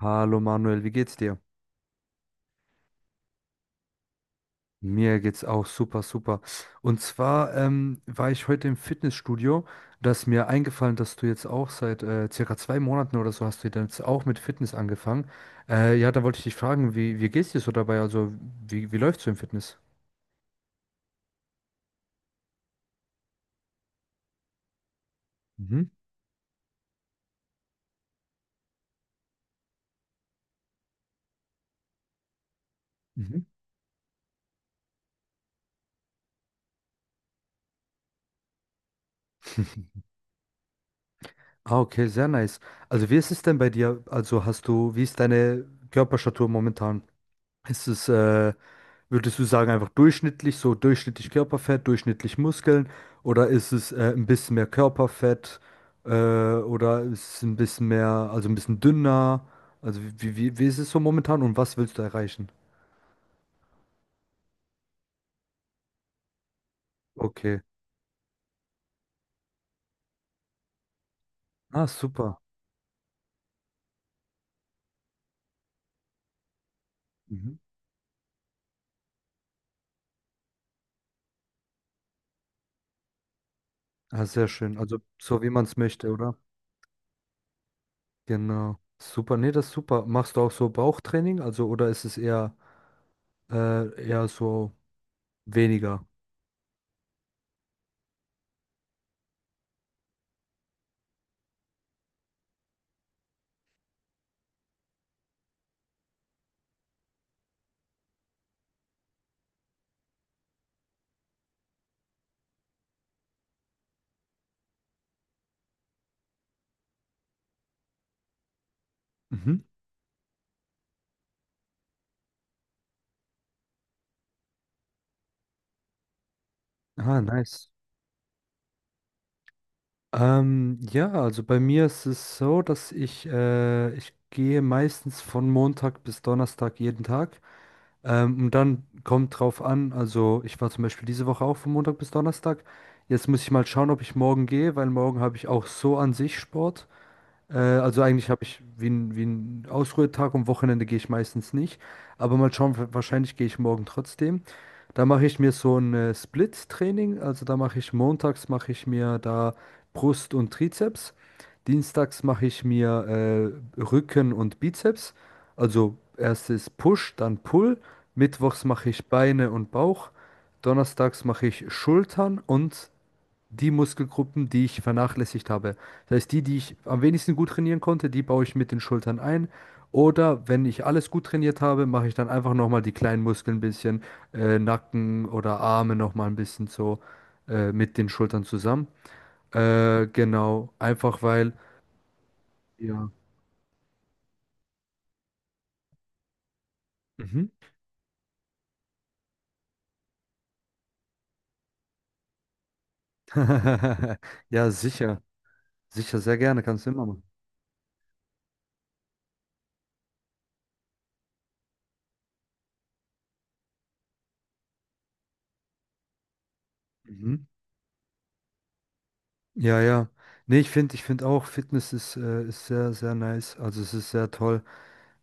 Hallo Manuel, wie geht's dir? Mir geht's auch super, super. Und zwar war ich heute im Fitnessstudio. Da ist mir eingefallen, dass du jetzt auch seit circa 2 Monaten oder so hast du jetzt auch mit Fitness angefangen. Ja, da wollte ich dich fragen, wie geht's dir so dabei? Also, wie läuft's so im Fitness? Mhm. Mhm. Ah, okay, sehr nice. Also, wie ist es denn bei dir? Also, hast du, wie ist deine Körperstatur momentan? Ist es, äh, Würdest du sagen, einfach durchschnittlich, so durchschnittlich Körperfett, durchschnittlich Muskeln? Oder ist es ein bisschen mehr Körperfett? Äh, oder ist es ein bisschen mehr, also ein bisschen dünner? Also wie ist es so momentan und was willst du erreichen? Okay. Ah, super. Mhm. Ah, sehr schön. Also so wie man es möchte, oder? Genau. Super. Nee, das ist super. Machst du auch so Bauchtraining? Also, oder ist es eher, eher so weniger? Mhm. Ah, nice. Ja, also bei mir ist es so, dass ich gehe meistens von Montag bis Donnerstag jeden Tag. Und dann kommt drauf an, also ich war zum Beispiel diese Woche auch von Montag bis Donnerstag. Jetzt muss ich mal schauen, ob ich morgen gehe, weil morgen habe ich auch so an sich Sport. Also eigentlich habe ich wie wie ein Ausruhetag und Wochenende gehe ich meistens nicht. Aber mal schauen, wahrscheinlich gehe ich morgen trotzdem. Da mache ich mir so ein Split-Training. Also da mache ich montags, mache ich mir da Brust und Trizeps. Dienstags mache ich mir Rücken und Bizeps. Also erstes Push, dann Pull. Mittwochs mache ich Beine und Bauch. Donnerstags mache ich Schultern und die Muskelgruppen, die ich vernachlässigt habe. Das heißt, die ich am wenigsten gut trainieren konnte, die baue ich mit den Schultern ein. Oder wenn ich alles gut trainiert habe, mache ich dann einfach nochmal die kleinen Muskeln ein bisschen, Nacken oder Arme nochmal ein bisschen so mit den Schultern zusammen. Genau, einfach weil, ja. Mhm. Ja, sicher. Sicher, sehr gerne, kannst du immer machen. Mhm. Ja, ja. Nee, ich finde auch, Fitness ist sehr, sehr nice. Also es ist sehr toll.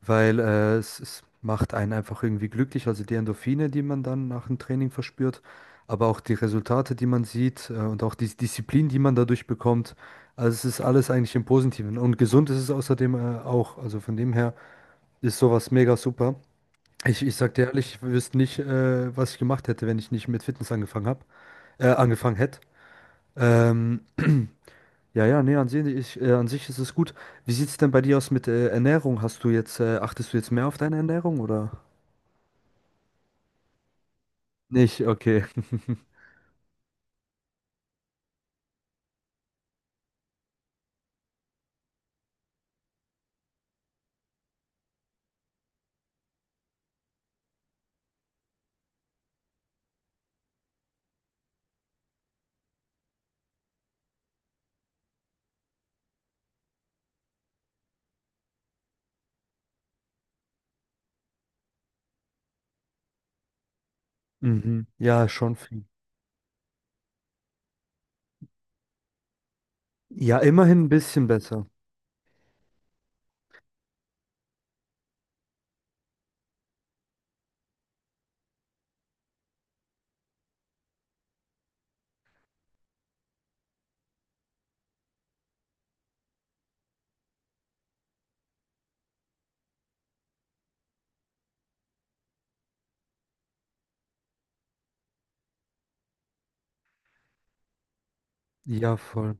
Weil es macht einen einfach irgendwie glücklich, also die Endorphine, die man dann nach dem Training verspürt, aber auch die Resultate, die man sieht und auch die Disziplin, die man dadurch bekommt. Also es ist alles eigentlich im Positiven und gesund ist es außerdem auch. Also von dem her ist sowas mega super. Ich sag dir ehrlich, ich wüsste nicht, was ich gemacht hätte, wenn ich nicht mit Fitness angefangen hab, angefangen hätte. Ähm, ja, ja, nee, an sich ist es gut. Wie sieht's denn bei dir aus mit Ernährung? Achtest du jetzt mehr auf deine Ernährung oder? Nicht, okay. Mhm. Ja, schon viel. Ja, immerhin ein bisschen besser. Ja, voll.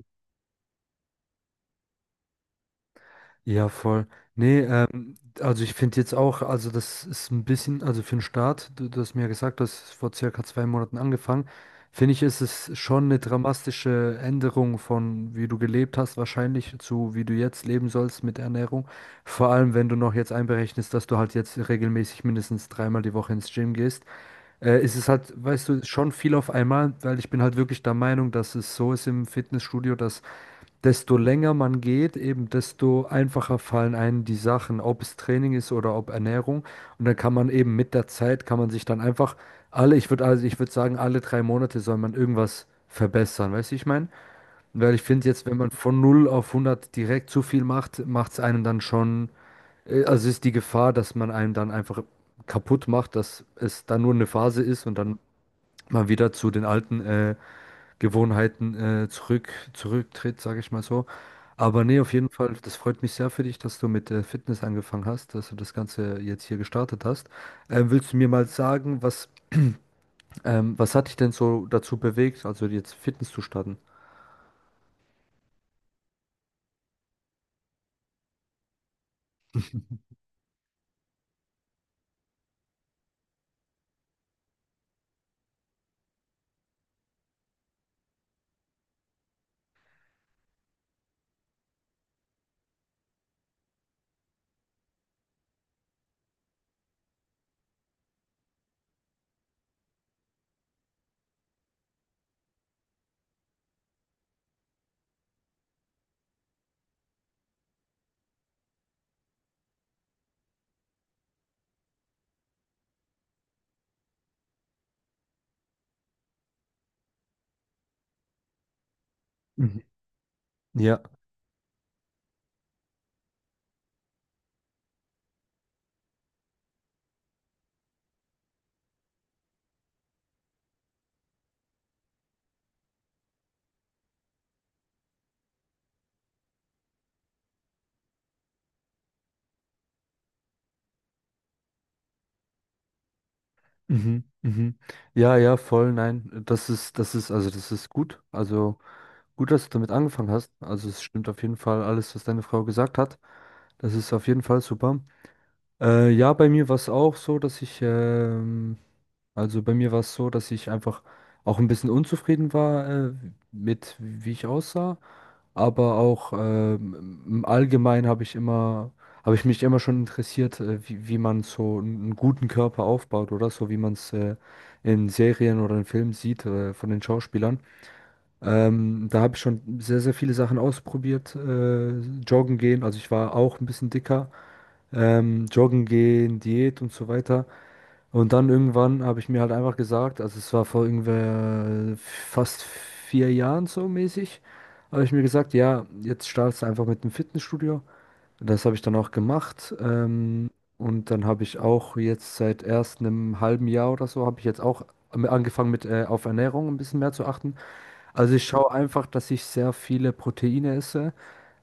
Ja, voll. Nee, also ich finde jetzt auch, also das ist ein bisschen, also für den Start, du hast mir ja gesagt, du hast vor circa 2 Monaten angefangen, finde ich, ist es schon eine dramatische Änderung von wie du gelebt hast, wahrscheinlich zu wie du jetzt leben sollst mit Ernährung. Vor allem, wenn du noch jetzt einberechnest, dass du halt jetzt regelmäßig mindestens dreimal die Woche ins Gym gehst. Ist es halt, weißt du, schon viel auf einmal, weil ich bin halt wirklich der Meinung, dass es so ist im Fitnessstudio, dass desto länger man geht, eben desto einfacher fallen einem die Sachen, ob es Training ist oder ob Ernährung. Und dann kann man eben mit der Zeit, kann man sich dann einfach ich würde sagen, alle 3 Monate soll man irgendwas verbessern, weißt du, ich meine? Weil ich finde jetzt, wenn man von null auf hundert direkt zu viel macht, macht es einem dann schon, also ist die Gefahr, dass man einem dann einfach kaputt macht, dass es dann nur eine Phase ist und dann man wieder zu den alten Gewohnheiten zurück, zurücktritt, sage ich mal so. Aber nee, auf jeden Fall, das freut mich sehr für dich, dass du mit Fitness angefangen hast, dass du das Ganze jetzt hier gestartet hast. Willst du mir mal sagen, was, was hat dich denn so dazu bewegt, also jetzt Fitness zu starten? Mhm. Ja. Mhm, mhm. Ja, Voll, nein, das ist, also das ist gut. Also gut, dass du damit angefangen hast. Also es stimmt auf jeden Fall alles, was deine Frau gesagt hat. Das ist auf jeden Fall super. Ja, bei mir war es auch so, also bei mir war es so, dass ich einfach auch ein bisschen unzufrieden war, mit wie ich aussah, aber auch im Allgemeinen habe ich mich immer schon interessiert, wie man so einen guten Körper aufbaut oder so, wie man es in Serien oder in Filmen sieht von den Schauspielern. Da habe ich schon sehr, sehr viele Sachen ausprobiert. Joggen gehen, also ich war auch ein bisschen dicker. Joggen gehen, Diät und so weiter. Und dann irgendwann habe ich mir halt einfach gesagt, also es war vor irgendwer fast 4 Jahren so mäßig, habe ich mir gesagt, ja, jetzt startest du einfach mit dem Fitnessstudio. Das habe ich dann auch gemacht. Und dann habe ich auch jetzt seit erst einem halben Jahr oder so, habe ich jetzt auch angefangen mit auf Ernährung ein bisschen mehr zu achten. Also ich schaue einfach, dass ich sehr viele Proteine esse,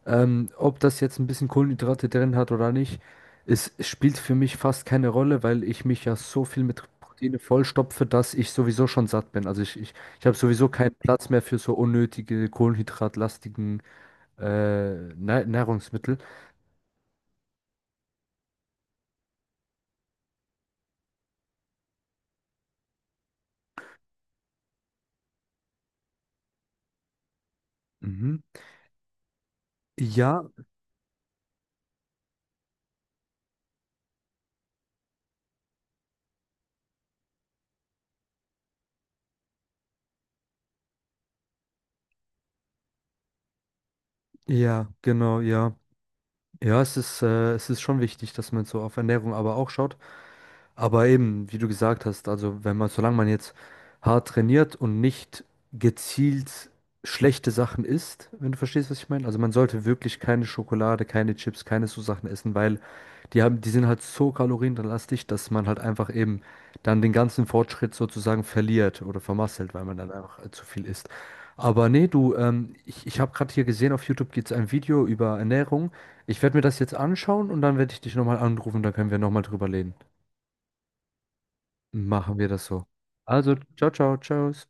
ob das jetzt ein bisschen Kohlenhydrate drin hat oder nicht, es spielt für mich fast keine Rolle, weil ich mich ja so viel mit Proteine vollstopfe, dass ich sowieso schon satt bin. Also ich habe sowieso keinen Platz mehr für so unnötige kohlenhydratlastigen Nahrungsmittel. Mhm. Ja, ja, genau, ja. Es ist schon wichtig, dass man so auf Ernährung aber auch schaut. Aber eben, wie du gesagt hast, also wenn man, solange man jetzt hart trainiert und nicht gezielt schlechte Sachen isst, wenn du verstehst, was ich meine. Also man sollte wirklich keine Schokolade, keine Chips, keine so Sachen essen, weil die sind halt so kalorienlastig, dass man halt einfach eben dann den ganzen Fortschritt sozusagen verliert oder vermasselt, weil man dann einfach zu viel isst. Aber nee, du, ich habe gerade hier gesehen, auf YouTube gibt es ein Video über Ernährung. Ich werde mir das jetzt anschauen und dann werde ich dich nochmal anrufen, dann können wir nochmal drüber reden. Machen wir das so. Also, ciao, ciao, ciao.